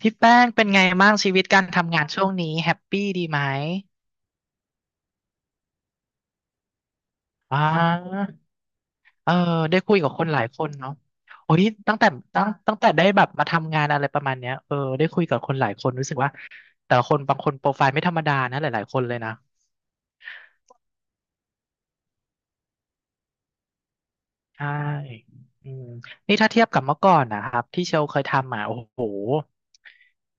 พี่แป้งเป็นไงบ้างชีวิตการทำงานช่วงนี้แฮปปี้ดีไหม อ่าเออได้คุยกับคนหลายคนเนาะโอ้ยตั้งแต่ตั้งแต่ได้แบบมาทำงานอะไรประมาณเนี้ยเออได้คุยกับคนหลายคนรู้สึกว่าแต่ละคนบางคนโปรไฟล์ไม่ธรรมดานะหลายๆคนเลยนะ ใช่อืมนี่ถ้าเทียบกับเมื่อก่อนนะครับที่เชลเคยทำอ่ะโอ้โห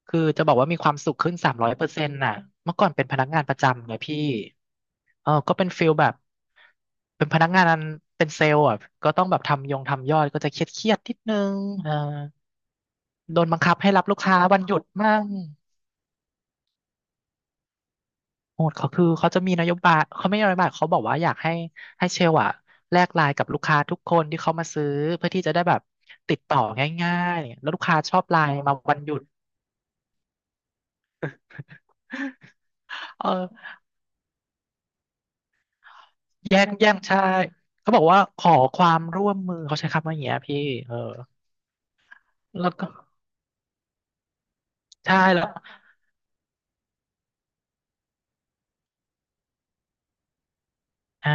คือจะบอกว่ามีความสุขขึ้น300%น่ะเมื่อก่อนเป็นพนักงานประจำไงพี่เออก็เป็นฟิลแบบ เป็นพนักงานเป็นเซลล์อ่ะ ก็ต้องแบบทำยงทำยอดก็จะเครียดเครียดนิดนึงเออโดนบังคับให้รับลูกค้าวันหยุดมั่ง โหดเขาคือเขาจะมีนโยบายเขาไม่ใช่นโยบายเขาบอกว่าอยากให้ให้เชลอะแลกไลน์กับลูกค้าทุกคนที่เขามาซื้อเพื่อที่จะได้แบบติดต่อง่ายๆแล้วลูกค้าชอบไลน์มาวันหยุด เออแย่งแย่งใช่เขาบอกว่าขอความร่วมมือเขาใช้คำว่าอย่างเงี้ยพี่เออแล้วก็ใช่แล้วอ่า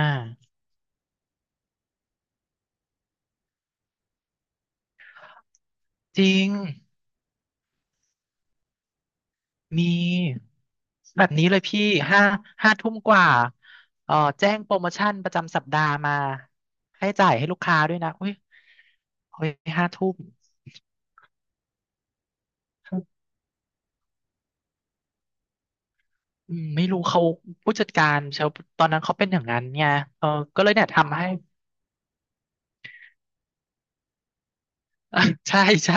จริง มีแบบนี้เลยพี่ห้าห้าทุ่มกว่าเอ่อแจ้งโปรโมชั่นประจำสัปดาห์มาให้จ่ายให้ลูกค้าด้วยนะเฮ้ยเฮ้ยห้าทุ่มอืมไม่รู้เขาผู้จัดการเชลตอนนั้นเขาเป็นอย่างนั้นไงเออก็เลยเนี่ยทำให้ ใช่ใช่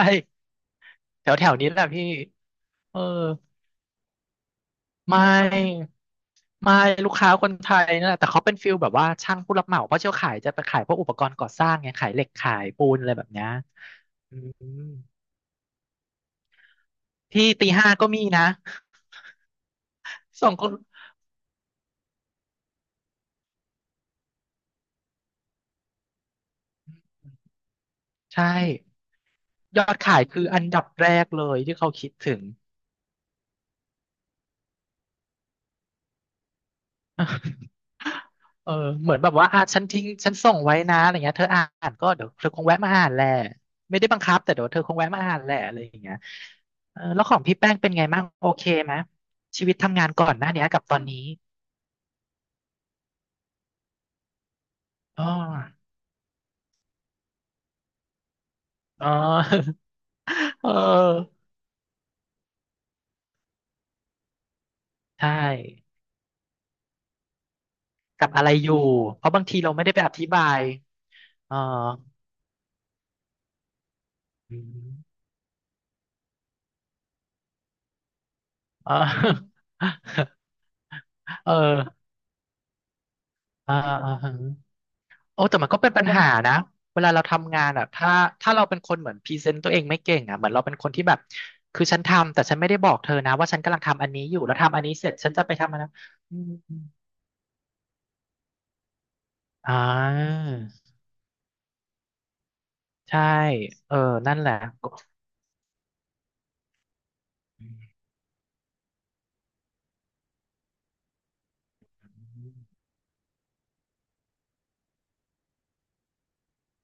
แถวแถวนี้แหละพี่เออ ไม่ไม่ลูกค้าคนไทยนั่นแหละแต่เขาเป็นฟิลแบบว่าช่างผู้รับเหมาเพราะเชี่ยวขายจะไปขายพวกอุปกรณ์ก่อสร้างไงขายเหล็กขายปูนอะไรแบบเนี้ยอืมที่ตีห้าก็มีนะ ส่งคนใช่ยอดขายคืออันดับแรกเลยที่เขาคิดถึงเออเหมือนแบบว่าอ่ะฉันทิ้งฉันส่งไว้นะอะไรเงี้ยเธออ่านก็เดี๋ยวเธอคงแวะมาอ่านแหละไม่ได้บังคับแต่เดี๋ยวเธอคงแวะมาอ่านแหละอะไรอย่างเงี้ยเออแล้วของพี่แป้งเป็นไงบ้างโอเคไหมชีวิตทำงานก่อนหน้าเนี้ยกับตอนนี้ อ๋ออ๋อ เออใช่กับอะไรอยู่ เพราะบางทีเราไม่ได้ไปอธิบายเอออืมเออ เอออ่าอ่าฮะโอ้แต่มันก็เป็นปัญหานะเวลาเราทำงานอ่ะถ้าเราเป็นคนเหมือนพรีเซนต์ตัวเองไม่เก่งอ่ะเหมือนเราเป็นคนที่แบบคือฉันทำแต่ฉันไม่ได้บอกเธอนะว่าฉันกำลังทำอันนี้อยู่แล้วทำอันนี้เสร็จฉันจะไปทำอันนั้นอืมอ่าใช่เออนั่นแหละก็อืม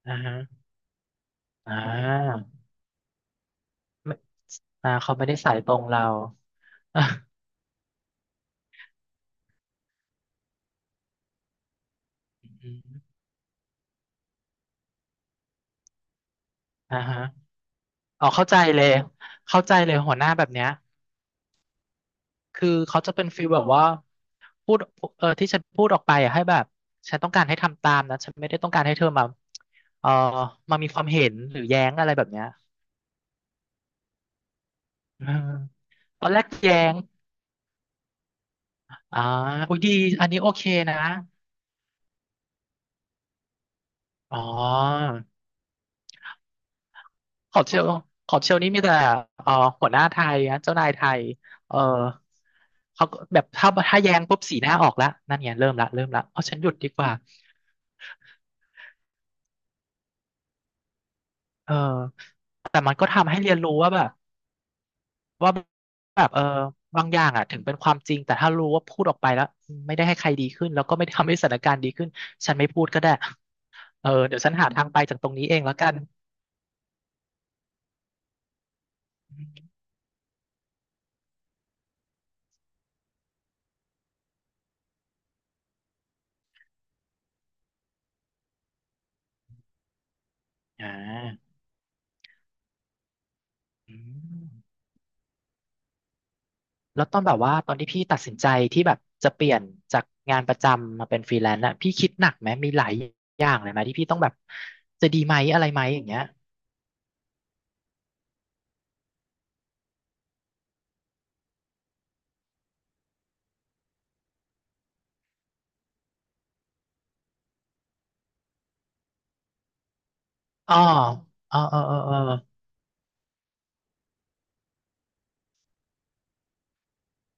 อ่าฮะอ่า อ่าเขาไม่ได้สายตรงเรา อ่ะอืมอ่าฮะอ๋อเข้าใจเลยเข้าใจเลยหัวหน้าแบบเนี้ยคือเขาจะเป็นฟีลแบบว่าพูดเออที่ฉันพูดออกไปอะให้แบบฉันต้องการให้ทำตามนะฉันไม่ได้ต้องการให้เธอมาเออมามีความเห็นหรือแย้งอะไรแบบเนี้ยเออตอนแรกแย้งอ่าอุ้ยดีอันนี้โอเคนะอ๋อ ขอบเชลขอบเชลนี่มีแต่เอ่อหัวหน้าไทยนะเจ้านายไทยเออเขาก็แบบถ้าถ้าแย้งปุ๊บสีหน้าออกแล้วนั่นไงเริ่มละเริ่มละเอาฉันหยุดดีกว่าเออแต่มันก็ทำให้เรียนรู้ว่าแบบว่าแบบเออบางอย่างอ่ะถึงเป็นความจริงแต่ถ้ารู้ว่าพูดออกไปแล้วไม่ได้ให้ใครดีขึ้นแล้วก็ไม่ได้ทำให้สถานการณ์ดีขึ้นฉันไม่พูดก็ได้เออเดี๋ยวฉันหาทางไปจากตรงนี้เองแล้วกันอ่าอืม แล้วตอนแบบว่าตอนที่พี่ตัดสินใจที่แบบจะเปลี่ยนจากงานประจำมาเป็นฟรีแลนซ์น่ะพี่คิดหนักไหมมีหลายอย่างเลยไหมที่พี่ต้องแบบจะดีไหมอะไรไหมอย่างเงี้ยอ๋อเออเออเออเออ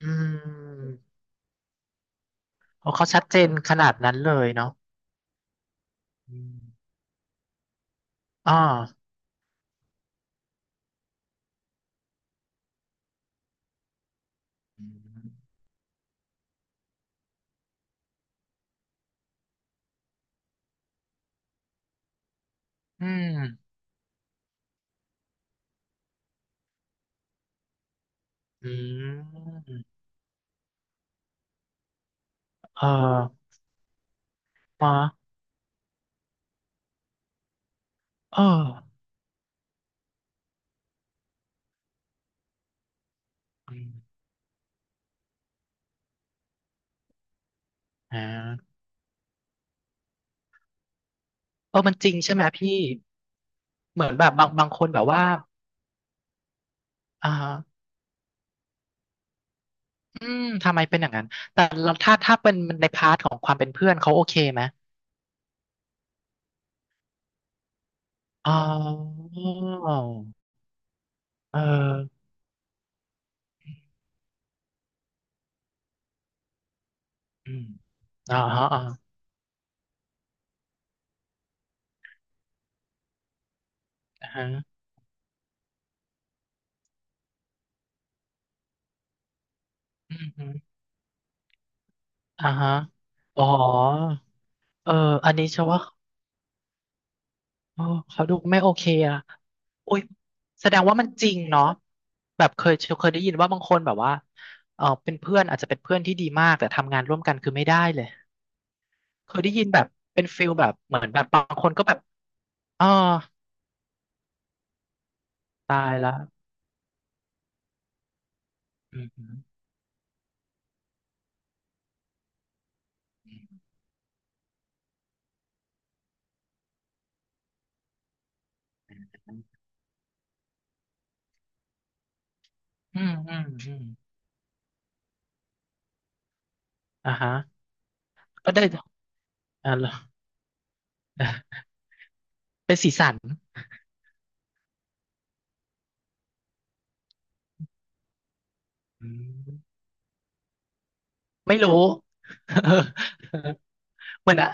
อืมโอ้เขาชัดเจนขนาดนั้นเลยเนาะอืมอ๋ออืมอืมอืมเออมาเอออืมอ่าเออมันจริงใช่ไหมพี่เหมือนแบบบางคนแบบว่าอ่า อืมทำไมเป็นอย่างนั้นแต่เราถ้าเป็นในพาร์ทของความเป็นเพื่อนเขาโอเคไหมอ๋อเอออืมอ๋อฮะอ๋ออ่าฮะอืมอืมอ่าฮะอ๋อเอออันนี้เชื่อว่าเออเขาดูไม่โอเคอะอุ้ยแสดงว่ามันจริงเนาะแบบเคยเคยได้ยินว่าบางคนแบบว่าเออเป็นเพื่อนอาจจะเป็นเพื่อนที่ดีมากแต่ทำงานร่วมกันคือไม่ได้เลยเคยได้ยินแบบเป็นฟิลแบบเหมือนแบบบางคนก็แบบอ๋อตายละอืม อืมอืมอืมอ่าฮะก็ได้อ่าเหรอ อ่ะเป็นสีสันอืมไม่รู้ เหมือนอะ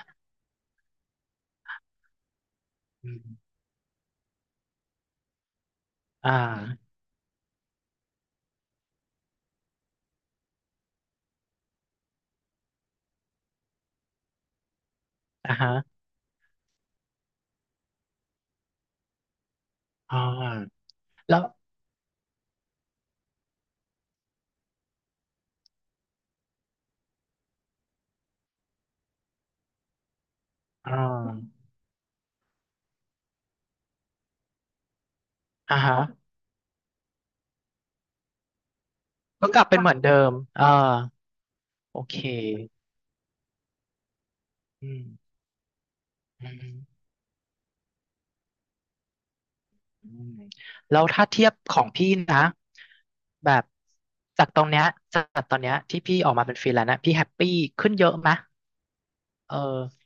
อืมอ่าอ่าฮะอ่าแล้วอ่าอ่าฮะก็กลับเป็นเหมือนเดิมอ่าโอเคอืมอืมอืมแล้วถ้าเทียบของพี่นะแบบจากตรงเนี้ยจากตอนเนี้ยที่พี่ออกมาเป็นฟรีแลนซ์นะพี่แฮปปี้ขึ้นเยอะไหมะเออ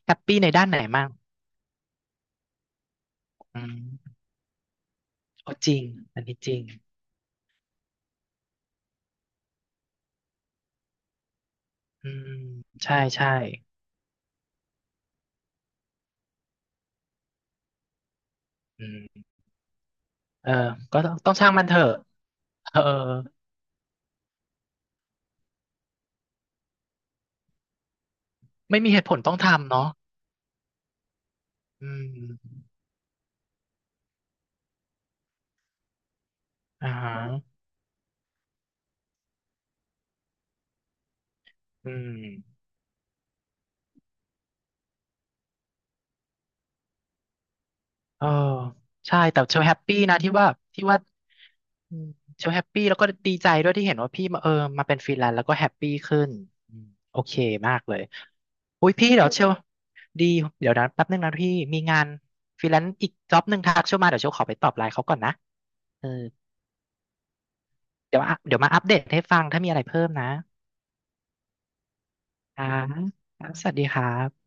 แฮปปี้ในด้านไหนมั่งอืม ก็จริงอันนี้จริงอืมใช่ใช่อืมเออก็ต้องต้องช่างมันเถอะเออไม่มีเหตุผลต้องทำเนาะอืมอ่าฮะอืมเออใช่แต่เชลแฮปปี้นะที่ว่าที่ว่าอืมเชลแฮปปี้แล้วก็ดีใจด้วยที่เห็นว่าพี่มาเออมาเป็นฟรีแลนซ์แล้วก็แฮปปี้ขึ้นอืมโอเคมากเลยอุ้ยพี่เดี๋ยวเชลดีเดี๋ยวนะแป๊บนึงนะพี่มีงานฟรีแลนซ์อีกจ็อบหนึ่งทักเชลมาเดี๋ยวเชลขอไปตอบไลน์เขาก่อนนะเออ เดี๋ยวมาเดี๋ยวมาอัปเดตให้ฟังถ้ามีอะไรเพิ่มนะอ่าครับสวัสดีครับ